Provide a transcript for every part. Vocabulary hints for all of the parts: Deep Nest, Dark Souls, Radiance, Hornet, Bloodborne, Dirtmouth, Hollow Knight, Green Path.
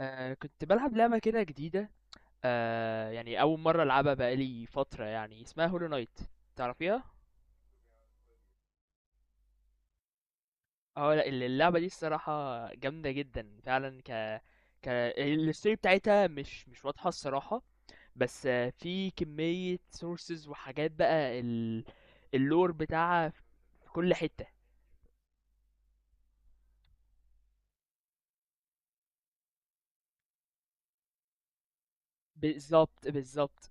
كنت بلعب لعبة كده جديدة. يعني أول مرة ألعبها بقالي فترة، يعني اسمها هولو نايت. تعرفيها؟ اه لا، اللعبة دي الصراحة جامدة جدا فعلا. ك ك الستوري بتاعتها مش واضحة الصراحة، بس في كمية سورسز وحاجات بقى اللور بتاعها في كل حتة. بالظبط بالظبط،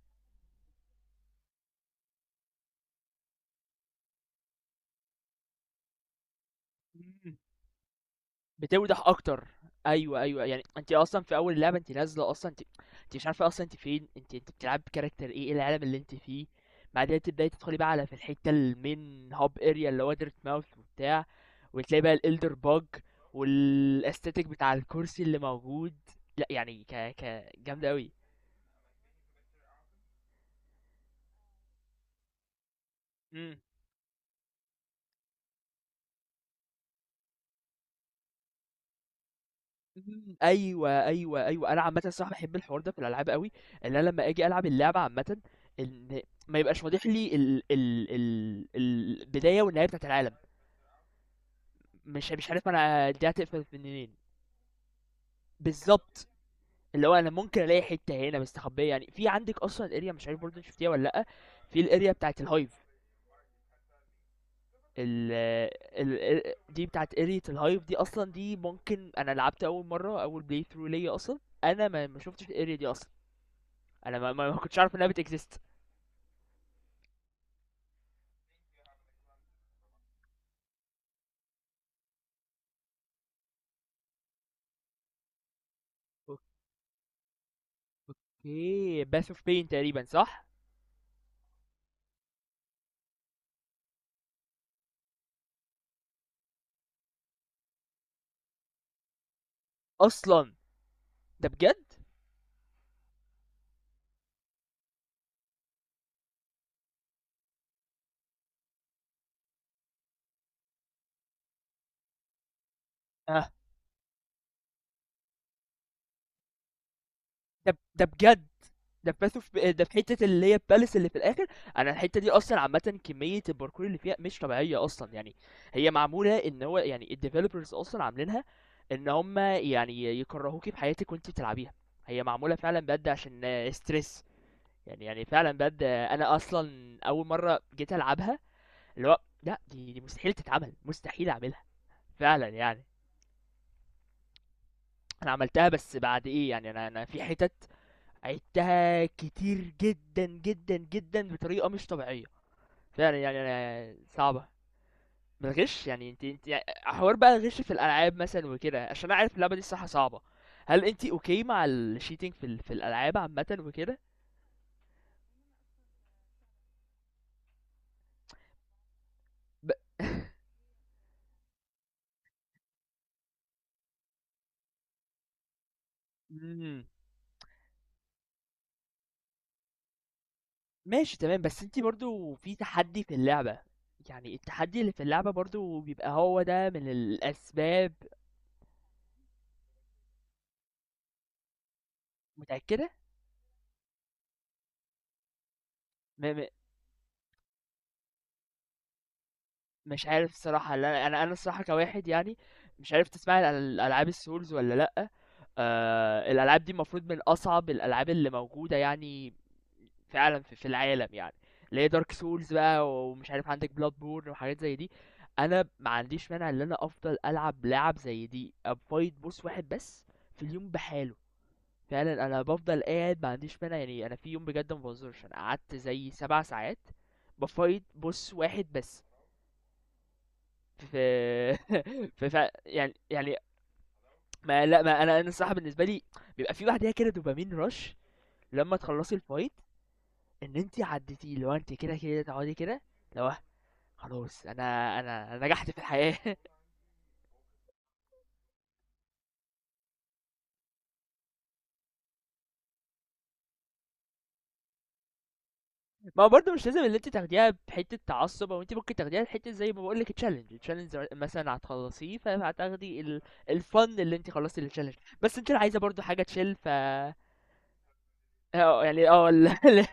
بتوضح أكتر، أيوه، أيوه، يعني أنتِ أصلًا في أول اللعبة أنتِ نازلة أصلًا، أنتِ مش عارفة أصلًا أنتِ فين، أنتِ بتلعبي بcharacter إيه، إيه العالم اللي أنتِ فيه، بعدها تبدئي تدخلي بقى على في الحتة الmain hub area اللي هو Dirtmouth وبتاع، وتلاقي بقى الelder bug والaesthetic بتاع الكرسي اللي موجود. لأ يعني ك ك جامدة أوي. إمم. إمم، أيوه، أيوه، أيوه، أنا عامةً الصراحة باحب الحوار ده في الألعاب أوي، إن أنا لمّا آجي ألعب اللعبة عامةً، إن ما يبقاش واضح لي ال البداية والنهاية بتاعة العالم، مش عارف أنا دي هتقفل منين، بالضبط، اللي هو أنا ممكن ألاقي حتّة هنا مستخبية يعني، في عندِك أصلًا area مش عارف برضه أنتِ شُفتيها والّا لأ، في الarea بتاعة الhive. ال ال دي بتاعة area الhive دي أصلًا، دي ممكن أنا لعبت أول مرّة أول play through ليّا أصلًا، أنا ما شُفتش الarea دي أصلًا. انا ما كنتش عارف انها بتكزيست. اوكي باث اوف بين تقريبا صح. اصلا، ده بجد؟ اه، ده بجد. ده في باث اوف، ده في حته اللي هي الباليس اللي في الاخر. انا الحته دي اصلا عامه كميه الباركور اللي فيها مش طبيعيه اصلا يعني. هي معموله ان هو يعني الديفلوبرز اصلا عاملينها ان هم يعني يكرهوكي في حياتك وانت بتلعبيها. هي معموله فعلا بجد عشان ستريس يعني. يعني فعلا بجد انا اصلا اول مره جيت العبها، اللي هو لا دي مستحيل تتعمل، مستحيل اعملها فعلًا يعني. أنا عملتها بس بعد إيه، يعني أنا أنا في حِتَت عِدتها كتير جدًا، جدًا، جدًا بطريقة مش طبيعية، فعلًا يعني. أنا صعبة، من الغِش يعني. أنتِ أنتِ ع حوار بقى الغِش في الألعاب مثلًا وكده، عشان أنا عارف اللعبة دي الصراحة صعبة، هل أنتِ okay مع الcheating في ال في الألعاب عامةً وكده؟ ب إمم، ماشي تمام، بس أنتِ برضه في تحدّي في اللعبة، يعني التحدّي اللي في اللعبة برضه بيبقى هو ده من الأسباب. متأكدة؟ م م. مش عارف الصراحة، لا أنا أنا الصراحة كواحد يعني، مش عارف تسمعي عن ال ألعاب الSouls والّا لأ، الألعاب دي المفروض من أصعب الألعاب اللي موجودة يعني فعلًا في في العالم يعني، اللي هي Dark Souls بقى ومش عارف عندِك Bloodborne وحاجات زي دي. أنا ما عنديش مانع إن أنا أفضل ألعب لعب زي دي أfight boss واحد بس في اليوم بحاله، فعلًا. أنا بافضل قاعد ما عنديش مانع يعني، أنا في يوم بجد ما باهزرش أنا قعدت زي 7 ساعات بafight boss واحد بس. ف ف ف يعني يعني ما لأ، ما أنا الصراحة بالنسبة لي بيبقى في بعديها كده دوبامين rush لمّا تخلّصي الfight، إن أنتِ عدّيتيه، اللي هو أنتِ كده، كده تقعدي كده، اللي هو خلاص، أنا أنا نجحت في الحياة. ما هو برضه مش لازم اللي أنتِ تاخديها بحتّة تعصُّب، هو أنتِ ممكن تاخديها بحتّة زي ما باقول لِك challenge، الchallenge مثلًا هتخلّصيه فهتاخدي ال الfun اللي أنتِ خلّصتِ الchallenge، بس أنتِ لو عايزة برضه حاجة chill ف... آه، يعني آه ال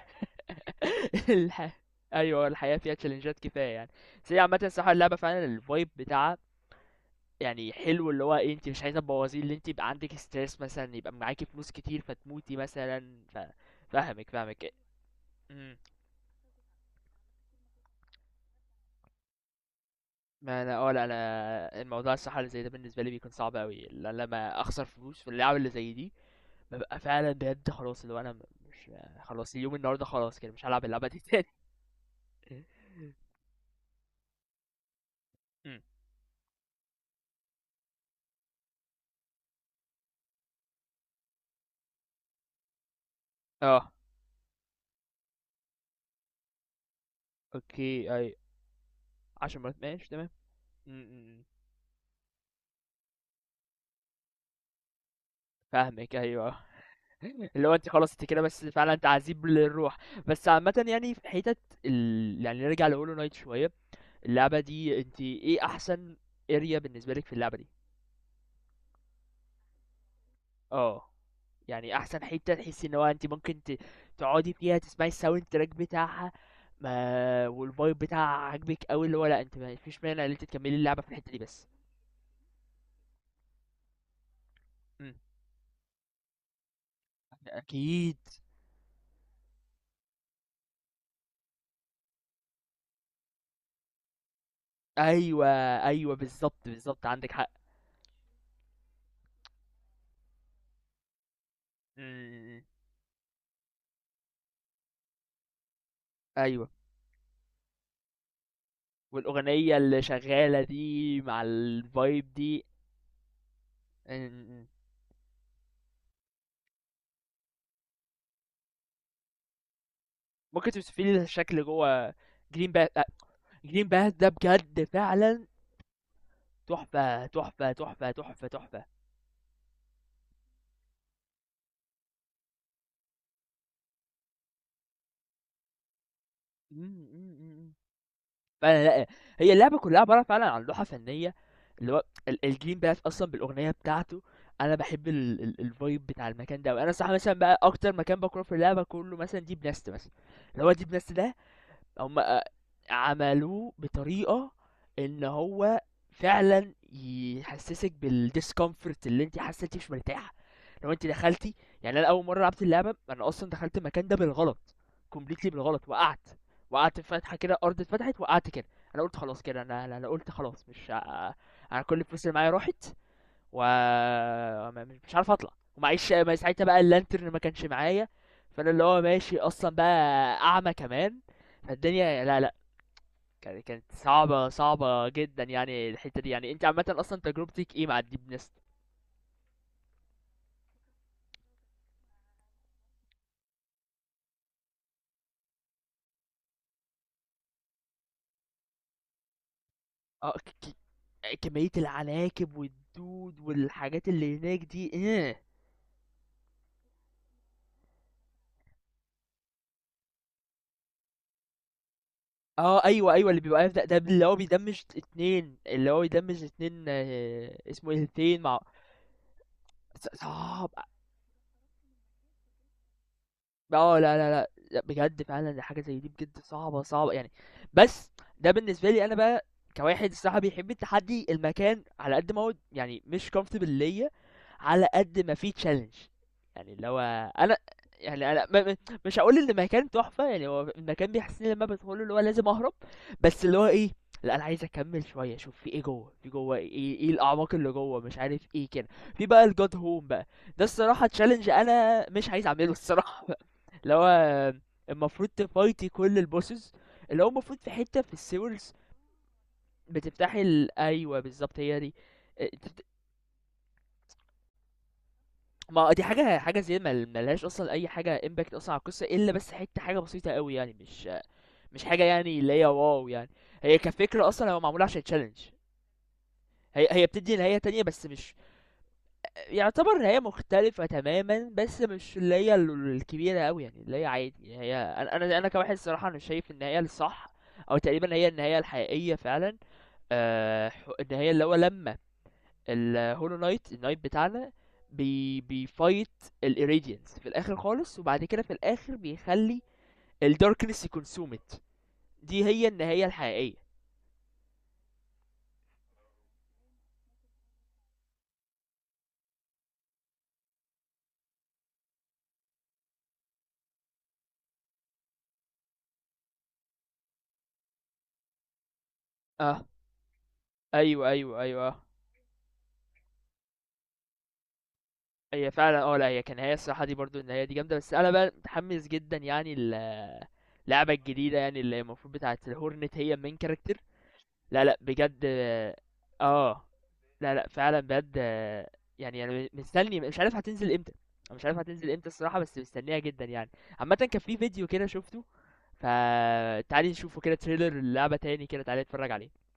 الح... ايوه، الحياه فيها تشالنجات كفايه يعني. بس هي عامه الصراحه اللعبه فعلا الفايب بتاعها يعني حلو، اللي هو ايه، انت مش عايزه تبوظيه، اللي انت يبقى عندك ستريس مثلا، يبقى معاكي فلوس كتير فتموتي مثلا ف... فاهمك فاهمك. امم. ما انا اه لا، انا الموضوع الصراحه اللي زي ده بالنسبه لي بيكون صعب قوي لما اخسر فلوس في اللعبه اللي زي دي. ببقى فعلا بجد خلاص اللي هو انا مش... خلاص اليوم النهارده خلاص كده مش هلعب اللعبه دي تاني. امم. اه. اوكي اي. عشر مرات ماشي تمام. إمم، إمم، إمم، فاهمِك أيوه، اللي هو أنتِ خلاص أنتِ كده، بس فعلًا تعذيب للروح. بس عامةً يعني في حتت ال، يعني نرجع لHollow Knight شوية، اللعبة دي أنتِ إيه أحسن area بالنسبة لِك في اللعبة دي؟ آه، يعني أحسن حتة تحسي إن هو أنتِ ممكن ت تقعدي فيها تسمعي الsound track بتاعها ما والvibe بتاعها عاجبِك أوي، اللي هو لأ أنتِ ما فيش مانع إن أنتِ تكمّلي اللعبة في الحتة دي بس. إمم، أكيد، أيوه، أيوه، بالضبط، بالضبط، عندِك حق. إمم، إمم، إمم، أيوه. والأغنية اللي شغالة دي مع الفايب دي. إن... ممكن توصفي لي الشكل جوه. جرين باث. جرين باث ده بجد فعلا تحفة تحفة تحفة تحفة تحفة. مم، مم، مم. فعلا لا، هي اللعبة كلها عبارة فعلا عن لوحة فنية، اللي هو ال- الجرين باث أصلا بالأغنية بتاعته، أنا بحب الفايب بتاع المكان ده. وأنا صح مثلا بقى أكتر مكان بكره في اللعبة كله مثلا ديب نست مثلا، اللي هو ديب نست ده، هم عملوه بطريقة ان هو فعلا يحسسك بالديسكومفورت، اللي انت حاسه انت مش مرتاحه لو انت دخلتي. يعني انا اول مره لعبت اللعبه انا اصلا دخلت المكان ده بالغلط، كومبليتلي بالغلط، وقعت. وقعت في فتحه كده، الارض اتفتحت وقعت كده. انا قلت خلاص كده، انا أنا قلت خلاص مش ه- انا كل الفلوس اللي معايا راحت، و مش عارف اطلع. ومعيش ما ساعتها بقى اللانترن ما كانش معايا، فانا اللي هو ماشي اصلا بقى اعمى كمان، فالدنيا لا لا، كانت صعبة صعبة جدا يعني. الحتة دي يعني انت عامة اصلا تجربتك ايه مع الديب نست؟ اه، كمية العناكب والدود والحاجات اللي هناك دي ايه! اه ايوه ايوه، اللي بيبقى واقف ده، ده اللي هو بيدمج اتنين اللي هو بيدمج اتنين، آه، اسمه ايه الاتنين مع... صعب. آه لا لا لأ، لأ بجد فعلًا، دي حاجة زي دي بجد صعبة، صعبة يعني. بس ده بالنسبة لي أنا بقى كواحد الصراحة بيحب التحدي، المكان على قد ما هو يعني مش comfortable ليّا، على قد ما في challenge، يعني اللي هو أنا، يعني أنا م م مش هاقول إن المكان تحفة، يعني هو المكان بيحسسني لمّا بادخله اللي هو لازم أهرب، بس اللي هو إيه، لأ أنا عايز أكمّل شوية، أشوف في إيه جوّه، في جوّه إيه، إيه الأعماق اللي جوّه، مش عارف إيه كده. في بقى الGod Home بقى، ده الصراحة challenge أنا مش عايز أعمله الصراحة، اللي هو المفروض تفايتي كل البوسز، اللي هو المفروض في حتة في السيورز بتفتحي ال... ايوه بالظبط هي دي. إيه، تفت-، ما دي حاجة، زي ما ملهاش اصلا اي حاجة امباكت اصلا على القصة الا بس حتة حاجة بسيطة قوي يعني، مش حاجة يعني اللي هي واو يعني. هي كفكرة اصلا هو معمولة عشان تشالنج. هي بتدي نهاية تانية بس مش يعتبر هي مختلفة تماما، بس مش اللي هي الكبيرة أوي يعني، اللي هي عادي يعني. هي أنا أنا كواحد صراحة أنا شايف إن هي الصح، أو تقريبا هي النهاية الحقيقية فعلا. إن هي اللي هو لما الهولو نايت النايت بتاعنا بيفايت الإيريديانس في الآخر خالص، وبعد كده في الآخر بيخلي الداركنس يكونسومت، دي هي النهاية الحقيقية. اه ايوه ايوه ايوه، هي فعلا اه لا، هي كان هي الصراحة دي برضو النهاية دي جامدة. بس أنا بقى متحمس جدا يعني ال اللعبه الجديده، يعني اللي المفروض بتاعت الهورنت هي المين كاركتر. لا لا بجد اه. آه. لا لا فعلا بجد يعني انا مستني، مش عارف هتنزل امتى. أنا مش عارف هتنزل امتى الصراحه، بس مستنيها جدا يعني. عامه كان في فيديو كده شفته، فتعالي نشوفه كده، تريلر اللعبه تاني كده، تعالي نتفرج عليه.